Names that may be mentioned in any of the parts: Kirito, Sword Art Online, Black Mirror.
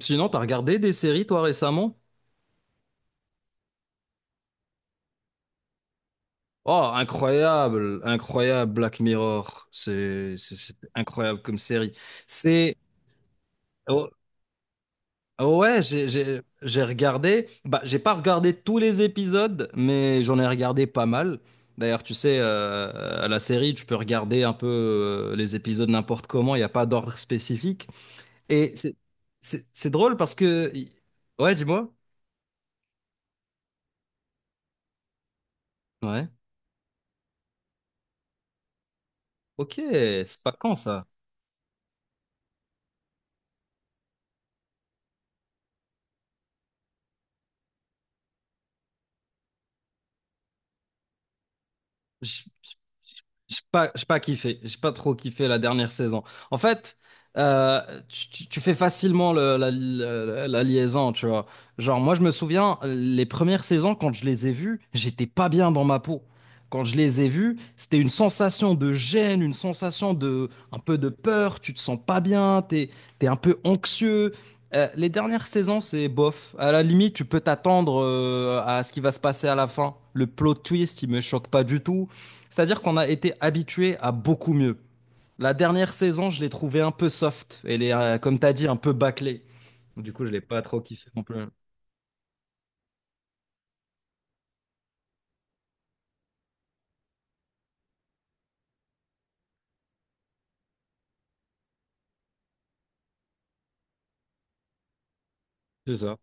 Sinon, t'as regardé des séries, toi, récemment? Oh, incroyable, incroyable Black Mirror. C'est incroyable comme série. C'est... oh, ouais, j'ai regardé... Bah, j'ai pas regardé tous les épisodes, mais j'en ai regardé pas mal. D'ailleurs, tu sais, à la série, tu peux regarder un peu les épisodes n'importe comment, il n'y a pas d'ordre spécifique. Et c'est drôle parce que... Ouais, dis-moi. Ouais. Ok, c'est pas quand ça? J'ai pas kiffé. J'ai pas trop kiffé la dernière saison. En fait, euh, tu fais facilement la liaison, tu vois. Genre, moi, je me souviens, les premières saisons, quand je les ai vues, j'étais pas bien dans ma peau. Quand je les ai vues, c'était une sensation de gêne, une sensation de, un peu de peur. Tu te sens pas bien, t'es un peu anxieux. Les dernières saisons, c'est bof. À la limite, tu peux t'attendre à ce qui va se passer à la fin. Le plot twist, il me choque pas du tout. C'est-à-dire qu'on a été habitué à beaucoup mieux. La dernière saison, je l'ai trouvée un peu soft. Elle est, comme tu as dit, un peu bâclée. Du coup, je ne l'ai pas trop kiffé non plus. C'est ça.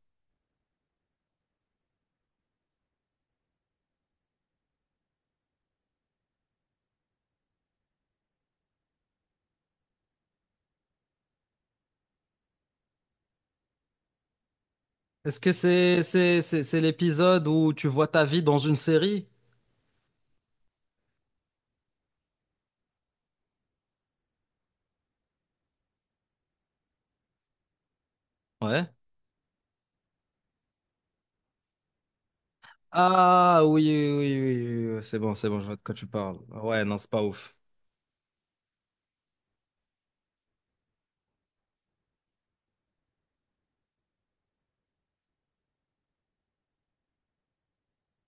Est-ce que c'est l'épisode où tu vois ta vie dans une série? Ouais. Ah oui, oui, oui, oui, oui, c'est bon, je vois de quoi tu parles. Ouais, non, c'est pas ouf.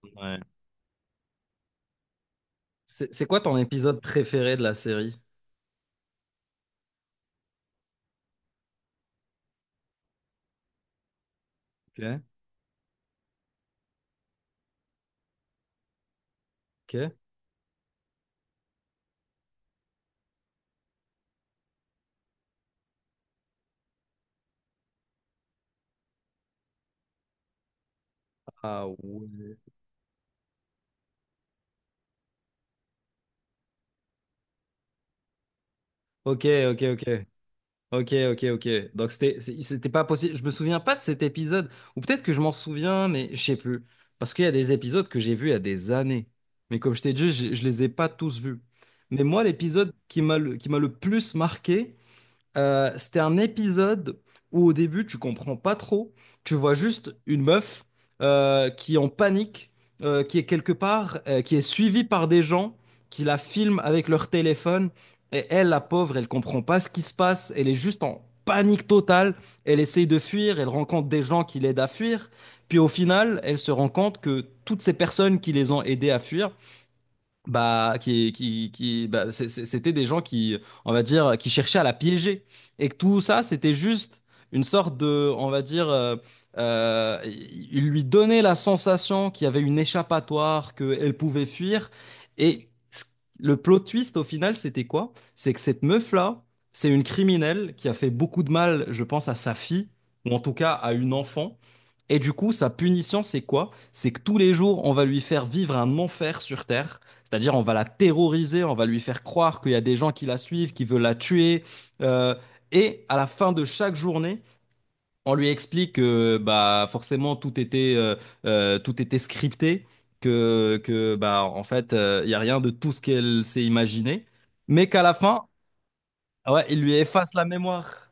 Ouais. C'est quoi ton épisode préféré de la série? Ok, ok. Ah ouais. Ok, ok, ok. Ok, ok, ok. Donc c'était pas possible. Je me souviens pas de cet épisode. Ou peut-être que je m'en souviens, mais je sais plus. Parce qu'il y a des épisodes que j'ai vus il y a des années. Mais comme je t'ai dit, je les ai pas tous vus. Mais moi, l'épisode qui m'a le plus marqué, c'était un épisode où au début tu comprends pas trop, tu vois juste une meuf qui est en panique, qui est quelque part, qui est suivie par des gens qui la filment avec leur téléphone et elle, la pauvre, elle comprend pas ce qui se passe, elle est juste en panique totale, elle essaye de fuir, elle rencontre des gens qui l'aident à fuir, puis au final elle se rend compte que toutes ces personnes qui les ont aidés à fuir, bah qui bah, c'est- c'était des gens qui on va dire qui cherchaient à la piéger et que tout ça c'était juste une sorte de on va dire il lui donnait la sensation qu'il y avait une échappatoire qu'elle pouvait fuir et le plot twist au final c'était quoi? C'est que cette meuf là c'est une criminelle qui a fait beaucoup de mal je pense à sa fille ou en tout cas à une enfant et du coup sa punition c'est quoi? C'est que tous les jours on va lui faire vivre un enfer sur Terre. C'est-à-dire, on va la terroriser, on va lui faire croire qu'il y a des gens qui la suivent, qui veulent la tuer. Euh, et à la fin de chaque journée, on lui explique que bah, forcément tout était scripté, que bah, en fait, il n'y a rien de tout ce qu'elle s'est imaginé. Mais qu'à la fin, ouais, il lui efface la mémoire.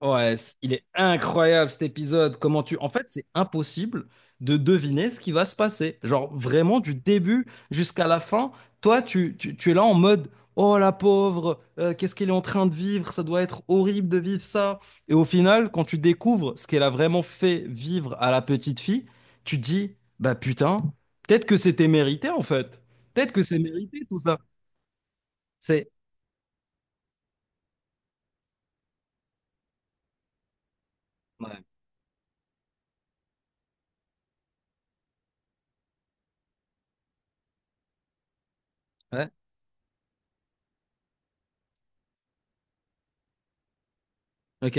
Ouais, c- il est incroyable cet épisode. Comment tu... En fait, c'est impossible de deviner ce qui va se passer. Genre, vraiment, du début jusqu'à la fin, toi, tu es là en mode, oh la pauvre, qu'est-ce qu'elle est en train de vivre? Ça doit être horrible de vivre ça. Et au final, quand tu découvres ce qu'elle a vraiment fait vivre à la petite fille, tu te dis, bah putain, peut-être que c'était mérité en fait. Peut-être que c'est mérité tout ça. C'est... Ouais. Ouais. Ok,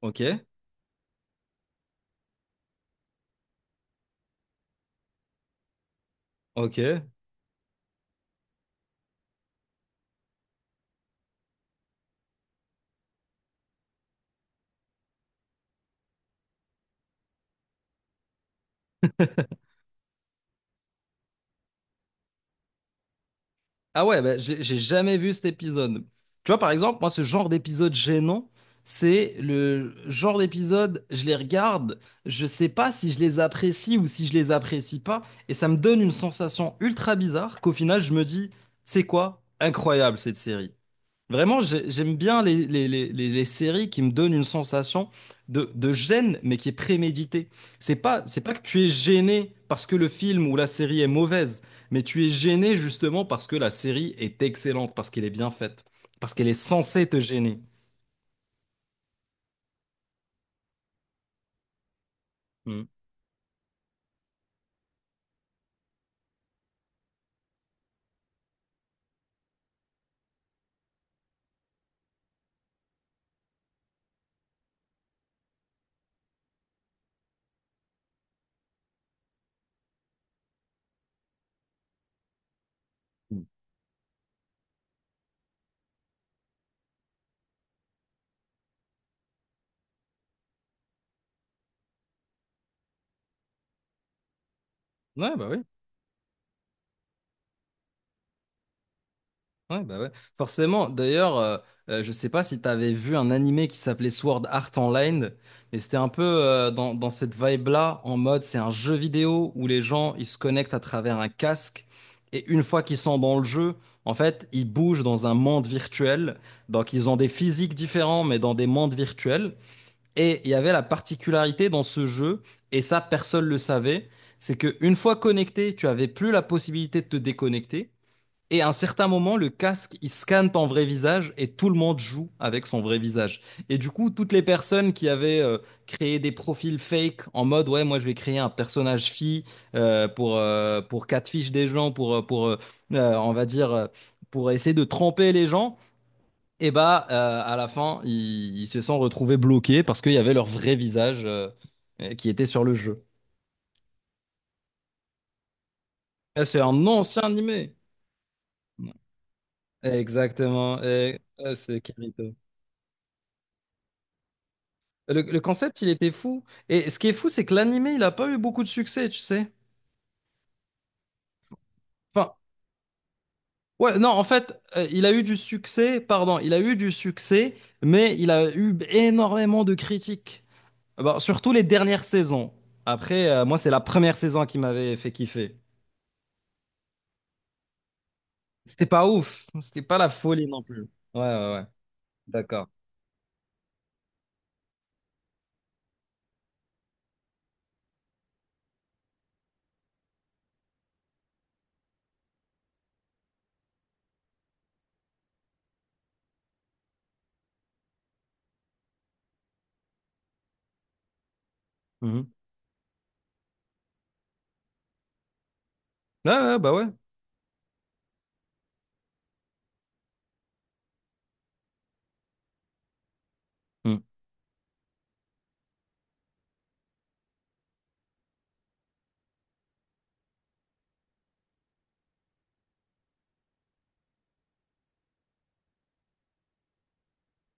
ok, ok. Ah ouais, bah, j'ai jamais vu cet épisode. Tu vois, par exemple, moi, ce genre d'épisode gênant, c'est le genre d'épisode, je les regarde, je sais pas si je les apprécie ou si je les apprécie pas, et ça me donne une sensation ultra bizarre qu'au final, je me dis, c'est quoi? Incroyable cette série. Vraiment, j'aime bien les séries qui me donnent une sensation de gêne, mais qui est préméditée. C'est pas que tu es gêné parce que le film ou la série est mauvaise, mais tu es gêné justement parce que la série est excellente, parce qu'elle est bien faite, parce qu'elle est censée te gêner. Mm. Ouais, bah oui. Ouais, bah ouais. Forcément, d'ailleurs, je sais pas si t'avais vu un animé qui s'appelait Sword Art Online, mais c'était un peu dans cette vibe-là, en mode c'est un jeu vidéo où les gens ils se connectent à travers un casque, et une fois qu'ils sont dans le jeu, en fait, ils bougent dans un monde virtuel. Donc ils ont des physiques différents, mais dans des mondes virtuels. Et il y avait la particularité dans ce jeu, et ça personne le savait, c'est que une fois connecté, tu avais plus la possibilité de te déconnecter. Et à un certain moment, le casque, il scanne ton vrai visage et tout le monde joue avec son vrai visage. Et du coup, toutes les personnes qui avaient créé des profils fake en mode, ouais, moi je vais créer un personnage fille pour catfish des gens, pour on va dire, pour essayer de tromper les gens, et bah, à la fin, ils se sont retrouvés bloqués parce qu'il y avait leur vrai visage qui était sur le jeu. Et c'est un ancien animé. Exactement. Et, c'est Kirito. Le concept, il était fou. Et ce qui est fou, c'est que l'animé, il a pas eu beaucoup de succès, tu sais. Enfin, ouais, non, en fait, il a eu du succès, pardon, il a eu du succès, mais il a eu énormément de critiques. Ah bah, surtout les dernières saisons. Après, moi, c'est la première saison qui m'avait fait kiffer. C'était pas ouf, c'était pas la folie non plus. Ouais, ouais, ouais, d'accord. Mhm. Ouais, ouais, bah ouais. Mhm.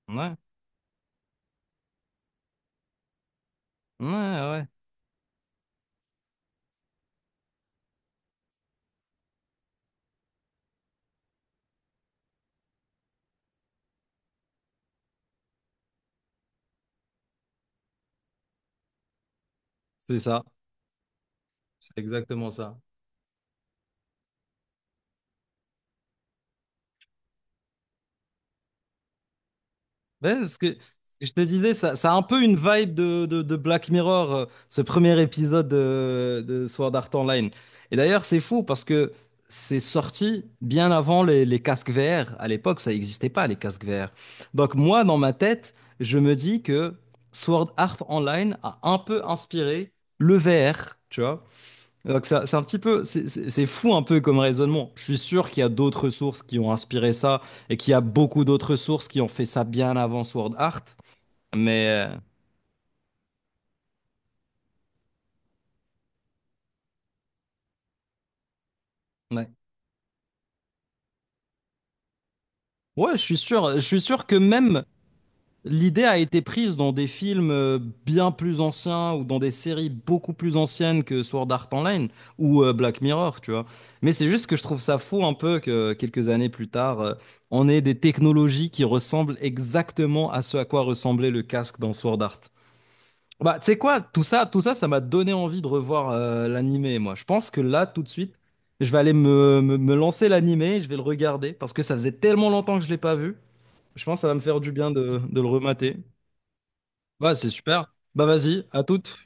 Ouais, ouais, ouais. C'est ça, c'est exactement ça. Ouais, ce que, ce que je te disais, ça a un peu une vibe de, de Black Mirror, ce premier épisode de Sword Art Online. Et d'ailleurs, c'est fou parce que c'est sorti bien avant les casques VR. À l'époque, ça n'existait pas, les casques VR. Donc moi, dans ma tête, je me dis que Sword Art Online a un peu inspiré le VR, tu vois. Donc c'est un petit peu, c'est fou un peu comme raisonnement. Je suis sûr qu'il y a d'autres sources qui ont inspiré ça et qu'il y a beaucoup d'autres sources qui ont fait ça bien avant Sword Art. Mais ouais, ouais, je suis sûr que même l'idée a été prise dans des films bien plus anciens ou dans des séries beaucoup plus anciennes que Sword Art Online ou Black Mirror, tu vois. Mais c'est juste que je trouve ça fou un peu que quelques années plus tard, on ait des technologies qui ressemblent exactement à ce à quoi ressemblait le casque dans Sword Art. Bah, tu sais quoi, tout ça, ça m'a donné envie de revoir l'animé, moi. Je pense que là, tout de suite, je vais aller me lancer l'animé, je vais le regarder, parce que ça faisait tellement longtemps que je l'ai pas vu. Je pense que ça va me faire du bien de le remater. Ouais, c'est super. Bah vas-y, à toutes.